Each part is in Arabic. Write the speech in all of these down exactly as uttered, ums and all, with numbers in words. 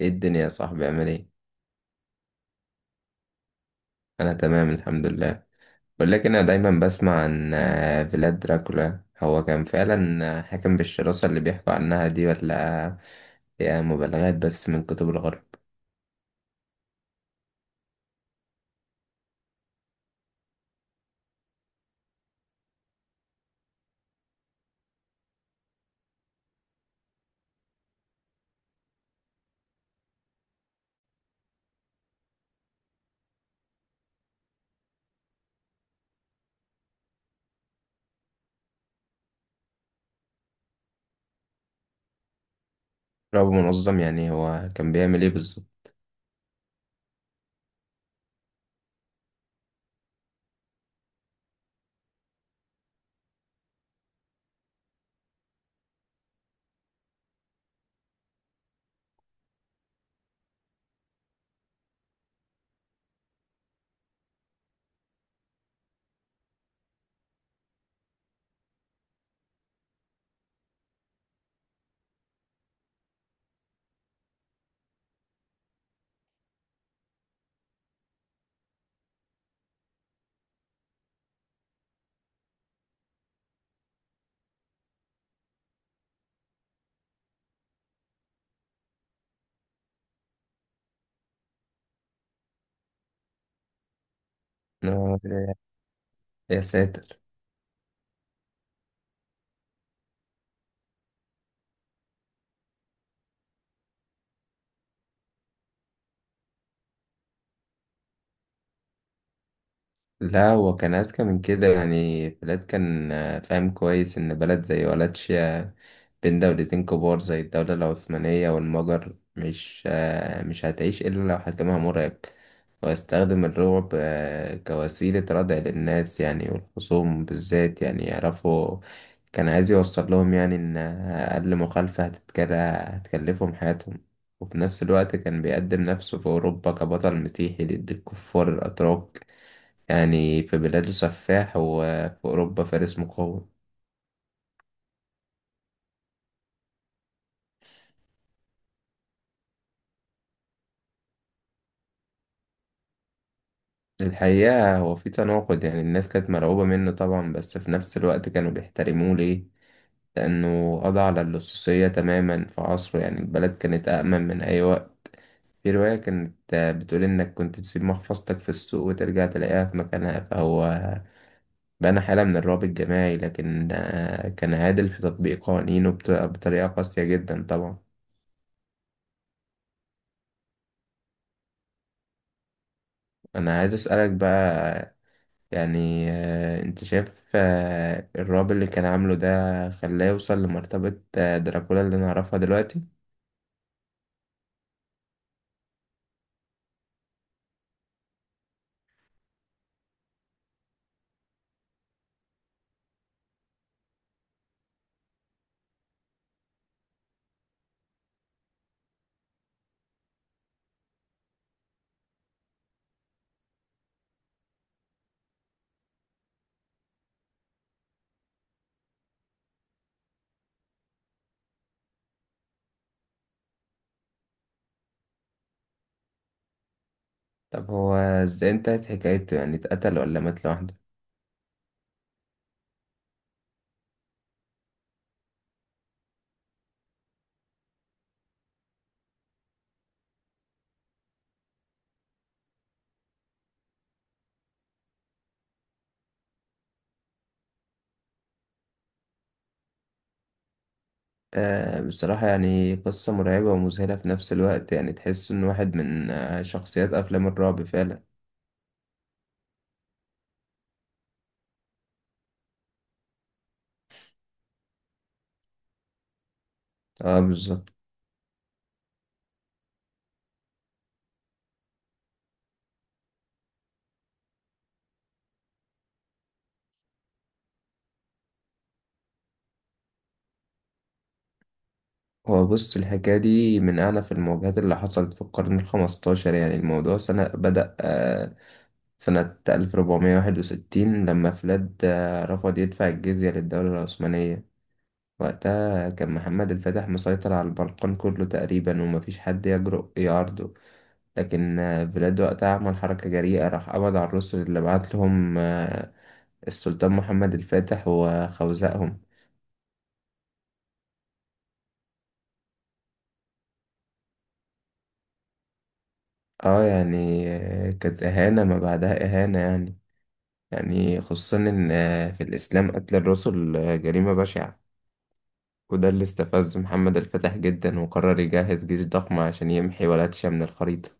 ايه الدنيا يا صاحبي؟ عامل ايه؟ انا تمام الحمد لله. ولكن انا دايما بسمع عن آه، فيلاد دراكولا، هو كان فعلا آه، حاكم بالشراسة اللي بيحكوا عنها دي، ولا هي مبالغات بس من كتب الغرب؟ رغم منظم، يعني هو كان بيعمل ايه بالظبط؟ آه، يا ساتر. لا، هو كان أذكى من كده. يعني فيلاد كان آه، فاهم كويس إن بلد زي ولاتشيا بين دولتين كبار زي الدولة العثمانية والمجر مش آه، مش هتعيش إلا لو حكمها مرعب، ويستخدم الرعب آه، كوسيلة ردع للناس، يعني والخصوم بالذات يعني يعرفوا. كان عايز يوصل لهم يعني إن أقل مخالفة هتتكل- هتكلفهم حياتهم. وفي نفس الوقت كان بيقدم نفسه في أوروبا كبطل مسيحي ضد الكفار الأتراك. يعني في بلاده سفاح وفي أوروبا فارس مقاوم. الحقيقة هو في تناقض، يعني الناس كانت مرعوبة منه طبعا، بس في نفس الوقت كانوا بيحترموه. ليه؟ لأنه قضى على اللصوصية تماما في عصره. يعني البلد كانت أأمن من أي وقت. في رواية كانت آه، بتقول إنك كنت تسيب محفظتك في السوق وترجع تلاقيها في مكانها. فهو بنى حالة من الرعب الجماعي، لكن آه، كان عادل في تطبيق قوانينه بط- بطريقة قاسية جدا طبعا. أنا عايز أسألك بقى، يعني آه، انت شايف آه، الرعب اللي كان عامله ده خلاه يوصل لمرتبة آه، دراكولا اللي نعرفها دلوقتي؟ طب هو ازاي انتهت حكايته؟ يعني اتقتل ولا مات لوحده؟ أه، بصراحة يعني قصة مرعبة ومذهلة في نفس الوقت. يعني تحس إن واحد من آه، شخصيات أفلام الرعب فعلا. اه بالظبط. هو بص، الحكاية دي من أعنف المواجهات اللي حصلت في القرن الخمستاشر. يعني الموضوع سنة بدأ آه، سنة ألف وأربعمئة وواحد وستين لما فلاد آه، رفض يدفع الجزية للدولة العثمانية. وقتها كان محمد الفاتح مسيطر على البلقان كله تقريبا، ومفيش حد يجرؤ يعارضه. لكن آه، فلاد وقتها عمل حركة جريئة، راح قبض على الرسل اللي بعت لهم آه، السلطان محمد الفاتح وخوزقهم. اه يعني آه، كانت إهانة ما بعدها إهانة. يعني يعني خصوصا إن آه، في الإسلام قتل الرسل آه، جريمة بشعة. وده اللي استفزه محمد الفتح جدا، وقرر يجهز جيش ضخم عشان يمحي ولاية شيعة من الخريطة.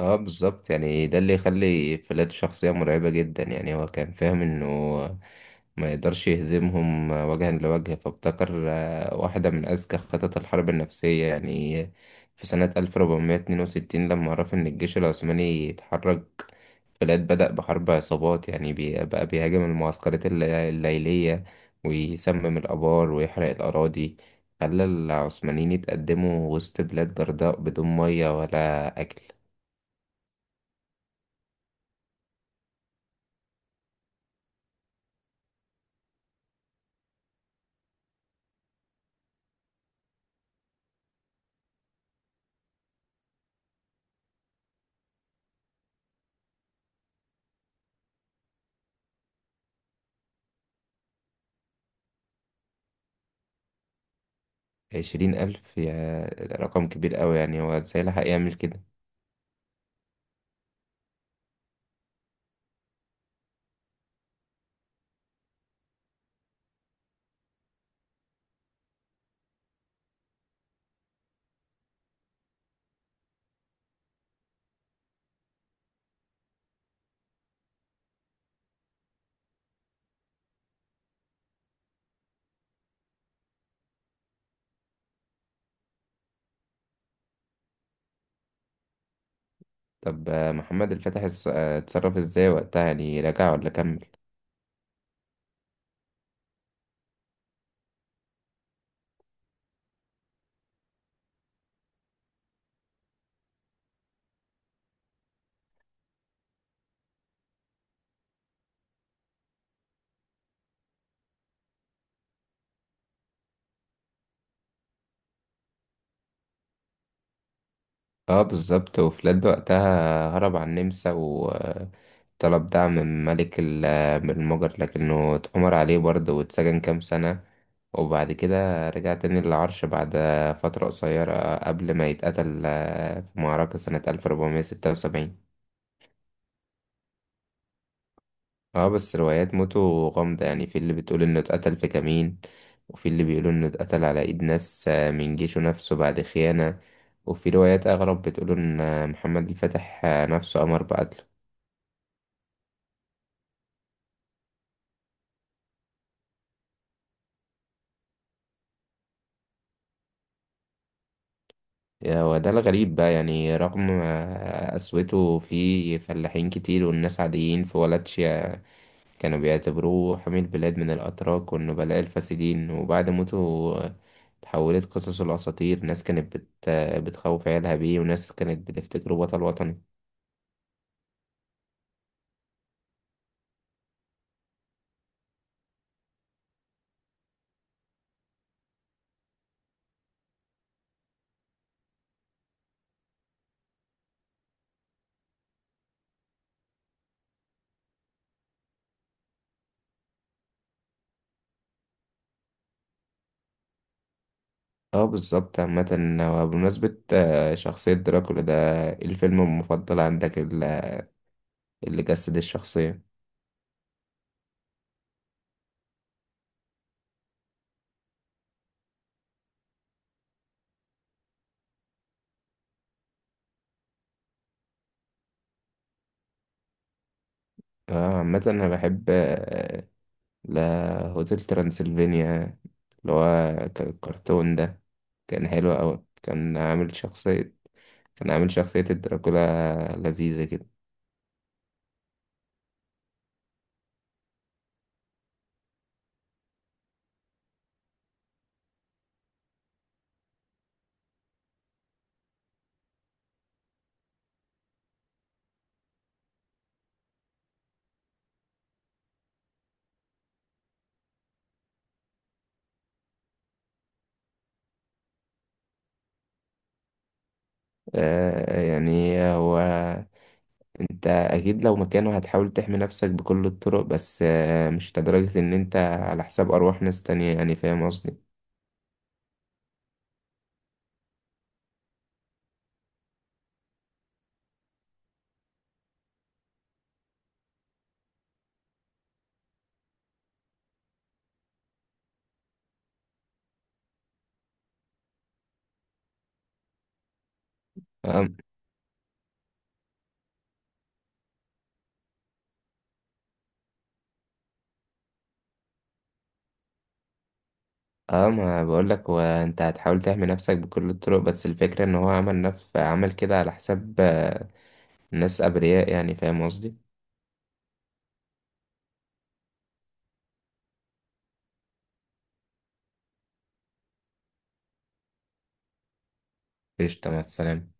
اه بالظبط. يعني ده اللي يخلي فلات شخصية مرعبة جدا. يعني هو كان فاهم انه ما يقدرش يهزمهم وجها لوجه، فابتكر آه، واحدة من أذكى خطط الحرب النفسية. يعني في سنة ألف وأربعمية واتنين وستين لما عرف إن الجيش العثماني يتحرك، فلات بدأ بحرب عصابات. يعني بي- بقى بيهاجم المعسكرات الل- الليلية، ويسمم الآبار ويحرق الأراضي، خلى العثمانيين يتقدموا وسط بلاد جرداء بدون مية ولا أكل. عشرين ألف، يا رقم كبير أوي. يعني هو ازاي لحق يعمل كده؟ طب آه، محمد الفتح اس- آه، اتصرف ازاي وقتها؟ يعني رجع ولا كمل؟ اه بالظبط. وفلاد وقتها هرب على النمسا، وطلب دعم من ملك ال- آه، من المجر، لكنه اتأمر عليه برضه واتسجن كام سنة. وبعد كده رجع تاني للعرش بعد فترة قصيرة قبل ما يتقتل آه، في معركة سنة ألف وأربعمائة وستة وسبعين. اه بس روايات موتو غامضة. يعني في اللي بتقول انه اتقتل في كمين، وفي اللي بيقولوا انه اتقتل على ايد ناس آه، من جيشه نفسه بعد خيانة، وفي روايات اغرب بتقول ان آه، محمد الفاتح آه، نفسه امر بقتله. يا، وده الغريب بقى. يعني رغم آه، قسوته في فلاحين كتير والناس عاديين في ولا تشيا، كانوا بيعتبروه حمي البلاد من الأتراك والنبلاء الفاسدين. وبعد موته آه، تحولت قصص الأساطير. ناس كانت بت... آه، بتخوف عيالها بيه، وناس كانت بتفتكره بطل وطني. اه بالظبط. عامة، هو بمناسبة آه، شخصية دراكولا ده، إيه الفيلم المفضل عندك ال- اللي جسد الشخصية؟ اه عامة أنا بحب آه، لا، هوتيل ترانسلفينيا، اللي هو ك- الكرتون ده، كان حلو أوي. كان عامل شخصية، كان عامل شخصية الدراكولا لذيذة كده. آه يعني هو، انت اكيد لو مكانه هتحاول تحمي نفسك بكل الطرق، بس آه مش لدرجة ان انت على حساب ارواح ناس تانية، يعني فاهم قصدي. اه. اه ما بقولك، هو انت هتحاول تحمي نفسك بكل الطرق، بس الفكرة ان هو عمل نف عمل كده على حساب آه ناس ابرياء، يعني فاهم قصدي. قشطة، مع السلامة.